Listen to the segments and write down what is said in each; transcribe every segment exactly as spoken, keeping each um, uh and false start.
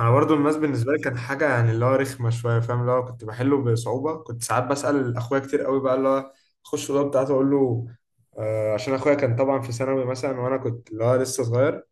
انا برضو الماس بالنسبه لي كان حاجه، يعني اللي هو رخمه شويه، فاهم؟ اللي هو كنت بحله بصعوبه. كنت ساعات بسال اخويا كتير قوي، بقى اللي هو اخش الاوضه بتاعته اقول له، آه عشان اخويا كان طبعا في ثانوي مثلا، وانا كنت اللي هو لسه صغير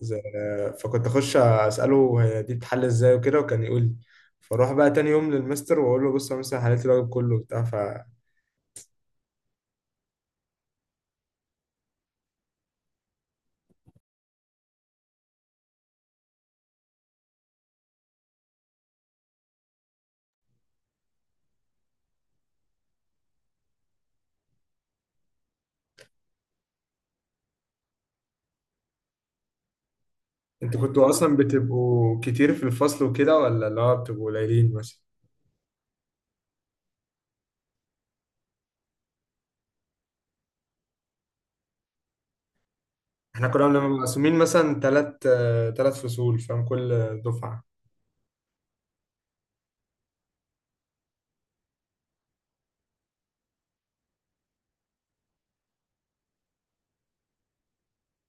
زي- آه، فكنت اخش اساله هي دي بتحل ازاي وكده، وكان يقول لي. فاروح بقى تاني يوم للمستر واقول له بص انا مثلا حليت الواجب كله وبتاع. فانتوا كنتوا اصلا بتبقوا كتير في الفصل وكده، ولا اللي هو بتبقوا قليلين مثلا؟ احنا كنا بنبقى مقسومين مثلا ثلاث ثلاث فصول، فاهم؟ كل دفعه،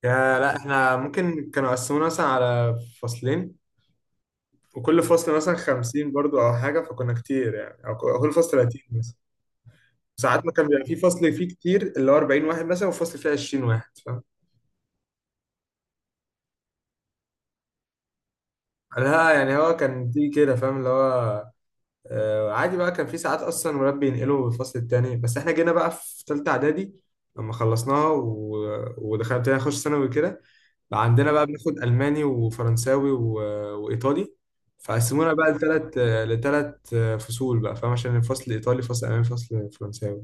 يا لا احنا ممكن كانوا قسمونا مثلا على فصلين، وكل فصل مثلا خمسين برضو او حاجة، فكنا كتير يعني، او ك- أو كل فصل ثلاثين مثلا. ساعات ما كان بيبقى في فصل فيه كتير اللي هو اربعين واحد مثلا، وفصل فيه عشرين واحد، فاهم؟ لا يعني هو كان دي كده، فاهم اللي هو، آه، عادي بقى. كان في ساعات اصلا المدرب بينقله الفصل التاني. بس احنا جينا بقى في تالتة اعدادي لما خلصناها و... ودخلنا ابتدينا نخش ثانوي كده. بقى عندنا بقى بناخد الماني وفرنساوي و... وايطالي، فقسمونا بقى لثلاث لثلاث فصول بقى، فاهم؟ عشان الفصل الايطالي، فصل الماني، فصل فرنساوي.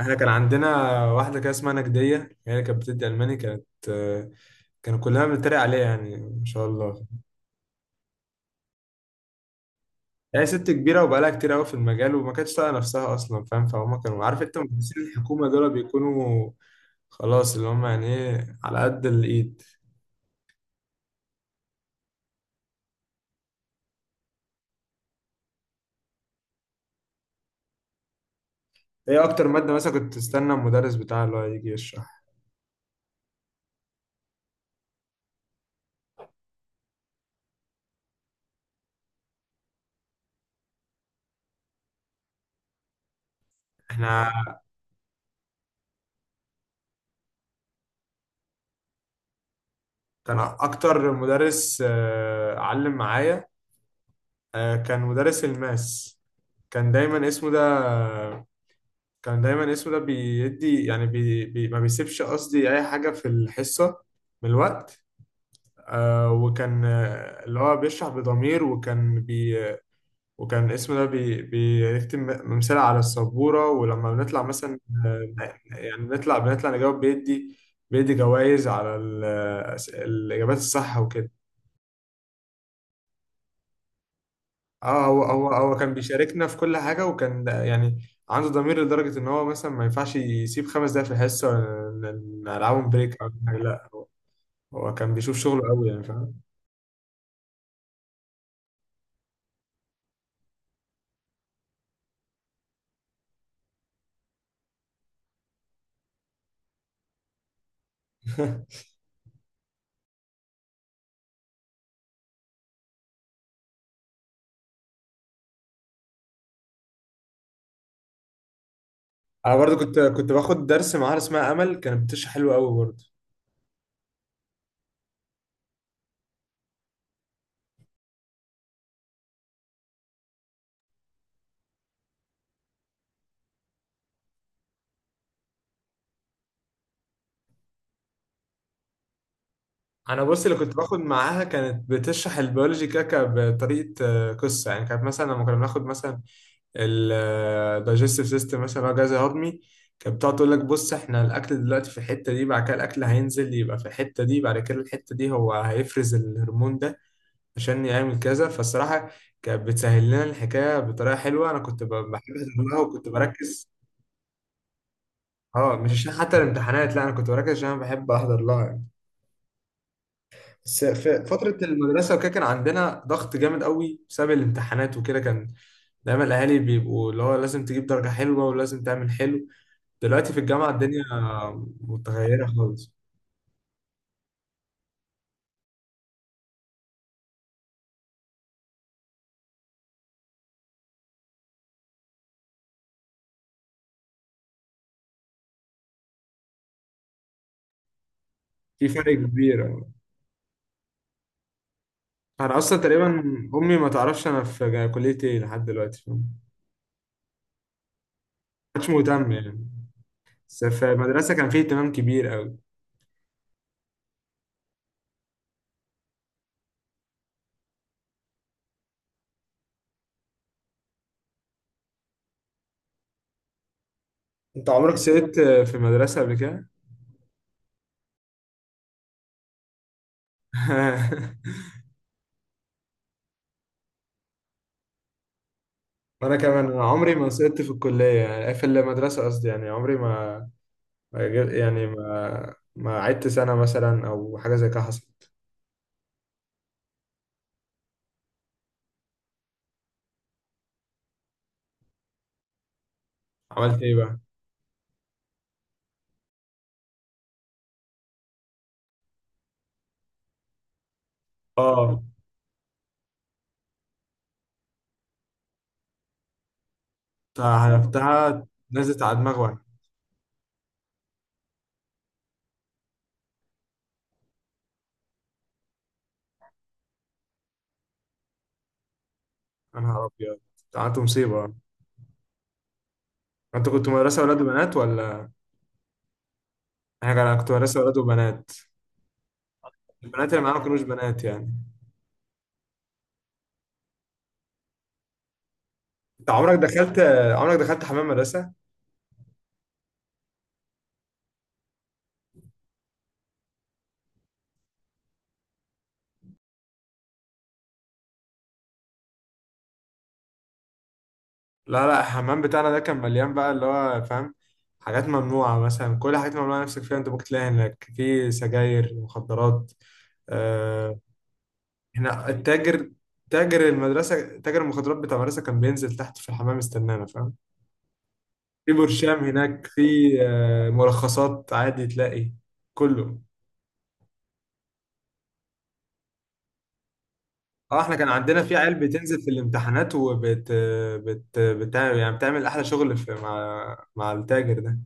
احنا كان عندنا واحده كده اسمها نجديه، هي اللي كانت بتدي الماني، كانت آه، كانوا كلنا بنتريق عليها يعني، ما شاء الله. هي ست كبيرة وبقالها كتير قوي في المجال، وما كانتش طايقة نفسها أصلا، فاهم؟ فهم كانوا، عارف أنت مدرسين الحكومة دول بيكونوا خلاص اللي هم يعني إيه، على قد الإيد. هي أكتر مادة مثلا كنت تستنى المدرس بتاعها اللي هو يجي يشرح، إحنا كان أكتر مدرس آه، علم معايا، آه، كان مدرس الماس. كان دايما اسمه ده كان دايما اسمه ده بيدي، يعني بي بي ما بيسيبش، قصدي أي حاجة في الحصة من الوقت. آه وكان آه، اللي هو بيشرح بضمير، وكان بي وكان اسمه ده بي بيكتب ممثلة على السبورة. ولما بنطلع مثلا، آه، يعني بنطلع بنطلع نجاوب، بيدي بيدي جوائز على ال- آه، الإجابات الصح وكده. اه هو هو هو كان بيشاركنا في كل حاجة، وكان ده- يعني عنده ضمير لدرجة إن هو مثلا ما ينفعش يسيب خمس دقايق في الحصة ونلعبهم بريك أو حاجة، لا. هو كان بيشوف شغله أوي يعني، فاهم. انا برضو كنت كنت باخد درس معاها اسمها امل، كانت بتشرح حلو قوي برضو. انا بص، اللي كنت باخد معاها كانت بتشرح البيولوجي كاكا بطريقه، آه، قصه يعني. كانت مثلا لما كنا بناخد مثلا الدايجستيف سيستم مثلا، اللي هو الجهاز الهضمي، كانت بتقعد تقول لك بص احنا الاكل دلوقتي في الحته دي، بعد كده الاكل هينزل يبقى في الحته دي، بعد كده الحته دي هو هيفرز الهرمون ده عشان يعمل كذا. فالصراحه كانت بتسهل لنا الحكايه بطريقه حلوه. انا كنت ب- بحب احضر لها، وكنت بركز. اه، مش عشان حتى الامتحانات، لا، انا كنت بركز عشان انا بحب احضر لها يعني. بس في فتره المدرسه وكده كان عندنا ضغط جامد قوي بسبب الامتحانات وكده. كان دايما الاهالي بيبقوا اللي هو لازم تجيب درجه حلوه، ولازم تعمل حلو. دلوقتي في الجامعه الدنيا متغيره خالص، في فرق كبير يعني. انا اصلا تقريبا امي ما تعرفش انا في جا- كليه ايه لحد دلوقتي، فاهم؟ ما كانتش مهتم يعني، بس في المدرسه كان فيه اهتمام كبير قوي. انت عمرك سقطت في المدرسه قبل كده؟ وانا كمان أنا عمري ما سقطت في الكليه، يعني في المدرسه قصدي، يعني عمري ما ما جب- يعني ما ما عدت سنه مثلا او حاجه زي كده حصلت. عملت ايه بقى؟ اه، حلفتها، نزلت على دماغي وانا، يا نهار ابيض، ده عملت مصيبه. انت كنت مدرسه ولاد وبنات، ولا حاجه؟ انا كنت مدرسه ولاد وبنات، البنات اللي معانا ما كانوش بنات يعني. انت عمرك دخلت عمرك دخلت حمام مدرسه؟ لا لا، الحمام بتاعنا ده كان مليان بقى اللي هو، فاهم، حاجات ممنوعة. مثلا كل حاجات ممنوعة نفسك فيها انت ممكن تلاقيها هناك، في سجاير، مخدرات، آه هنا التاجر. تاجر المدرسة، تاجر المخدرات بتاع المدرسة، كان بينزل تحت في الحمام يستنانا، فاهم. في برشام هناك، في آه ملخصات، عادي تلاقي كله. اه، احنا كان عندنا في عيال بتنزل في الامتحانات وبت بت بت يعني بتعمل احلى شغل في، مع مع التاجر ده.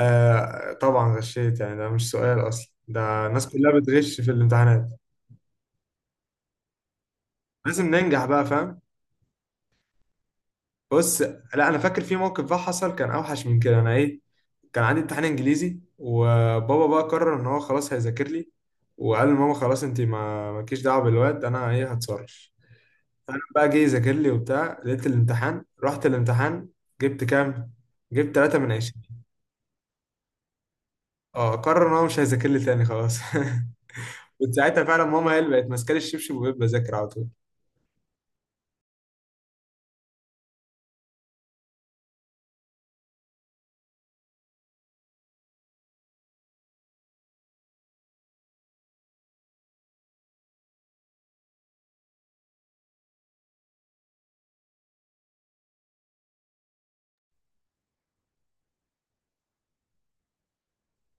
آه، طبعا غشيت يعني، ده مش سؤال اصلا، ده الناس كلها بتغش في الامتحانات، لازم ننجح بقى، فاهم. بص، لا، انا فاكر في موقف بقى حصل كان اوحش من كده، انا ايه، كان عندي امتحان انجليزي وبابا بقى قرر ان هو خلاص هيذاكر لي، وقال لماما خلاص انت ما مالكيش دعوه بالواد انا ايه هتصرف. انا بقى جه يذاكر لي وبتاع، لقيت الامتحان، رحت الامتحان، جبت كام؟ جبت تلاتة من عشرين. اه، قرر ان هو مش هيذاكر لي تاني، خلاص. كنت ساعتها فعلا ماما هي اللي بقت ماسكه لي الشبشب، وبقيت بذاكر على طول.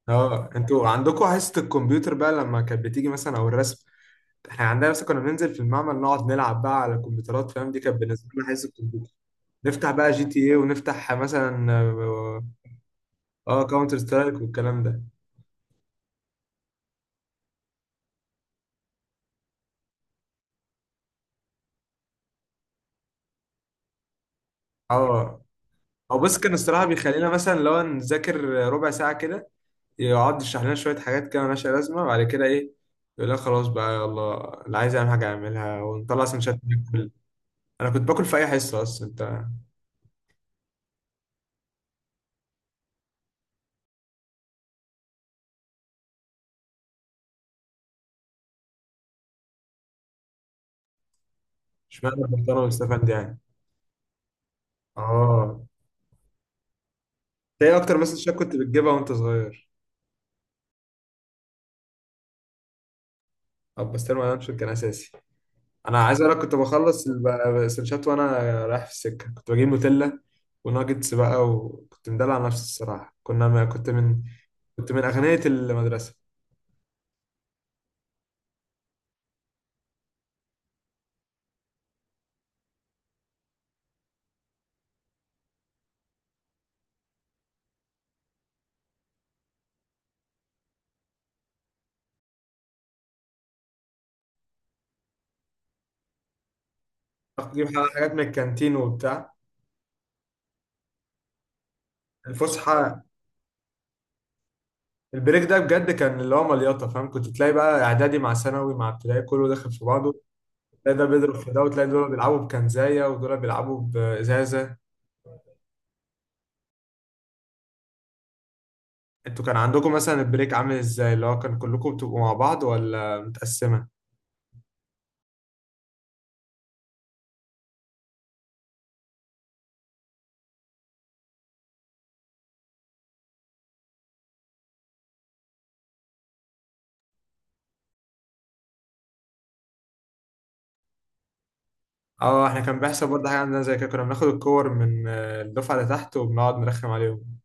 اه، انتوا عندكم حصة الكمبيوتر بقى لما كانت بتيجي مثلا، او الرسم؟ احنا عندنا مثلا كنا بننزل في المعمل نقعد نلعب بقى على الكمبيوترات، فاهم؟ دي كانت بالنسبة لنا حصة الكمبيوتر. نفتح بقى جي تي ايه، ونفتح مثلا اه آه، كاونتر سترايك والكلام ده. اه، او بس كان الصراحة بيخلينا مثلا لو نذاكر ربع ساعة كده، يقعد يشرح لنا شوية حاجات كده مالهاش لازمة، بعد كده ايه، يقول لك خلاص بقى يلا، اللي عايز يعمل حاجة يعملها ونطلع سندوتشات ناكل. انا كنت باكل في اي حصة اصلا انت. اشمعنى كنت انا مستفاد يعني. اه، ايه اكتر مسج شات كنت بتجيبها وانت صغير؟ اب بس ما انشر كان اساسي. انا عايز اقول لك كنت بخلص السنشات وانا رايح في السكه كنت بجيب نوتيلا وناجتس بقى، وكنت مدلع نفسي الصراحه. كنا ما كنت من كنت من اغنيه المدرسه. اجيب ح- حاجات من الكانتين وبتاع الفسحه. البريك ده بجد كان اللي هو مليطه، فاهم؟ كنت تلاقي بقى اعدادي مع ثانوي مع ابتدائي كله داخل في بعضه. تلاقي ده بيضرب في ده، وتلاقي دول بيلعبوا بكنزايه ودول بيلعبوا بازازه. انتوا كان عندكم مثلا البريك عامل ازاي؟ اللي هو كان كلكم بتبقوا مع بعض، ولا متقسمة؟ اه، احنا كان بيحصل برضه حاجة عندنا زي كده، كنا بناخد الكور من آه، الدفعة اللي تحت وبنقعد نرخم عليهم.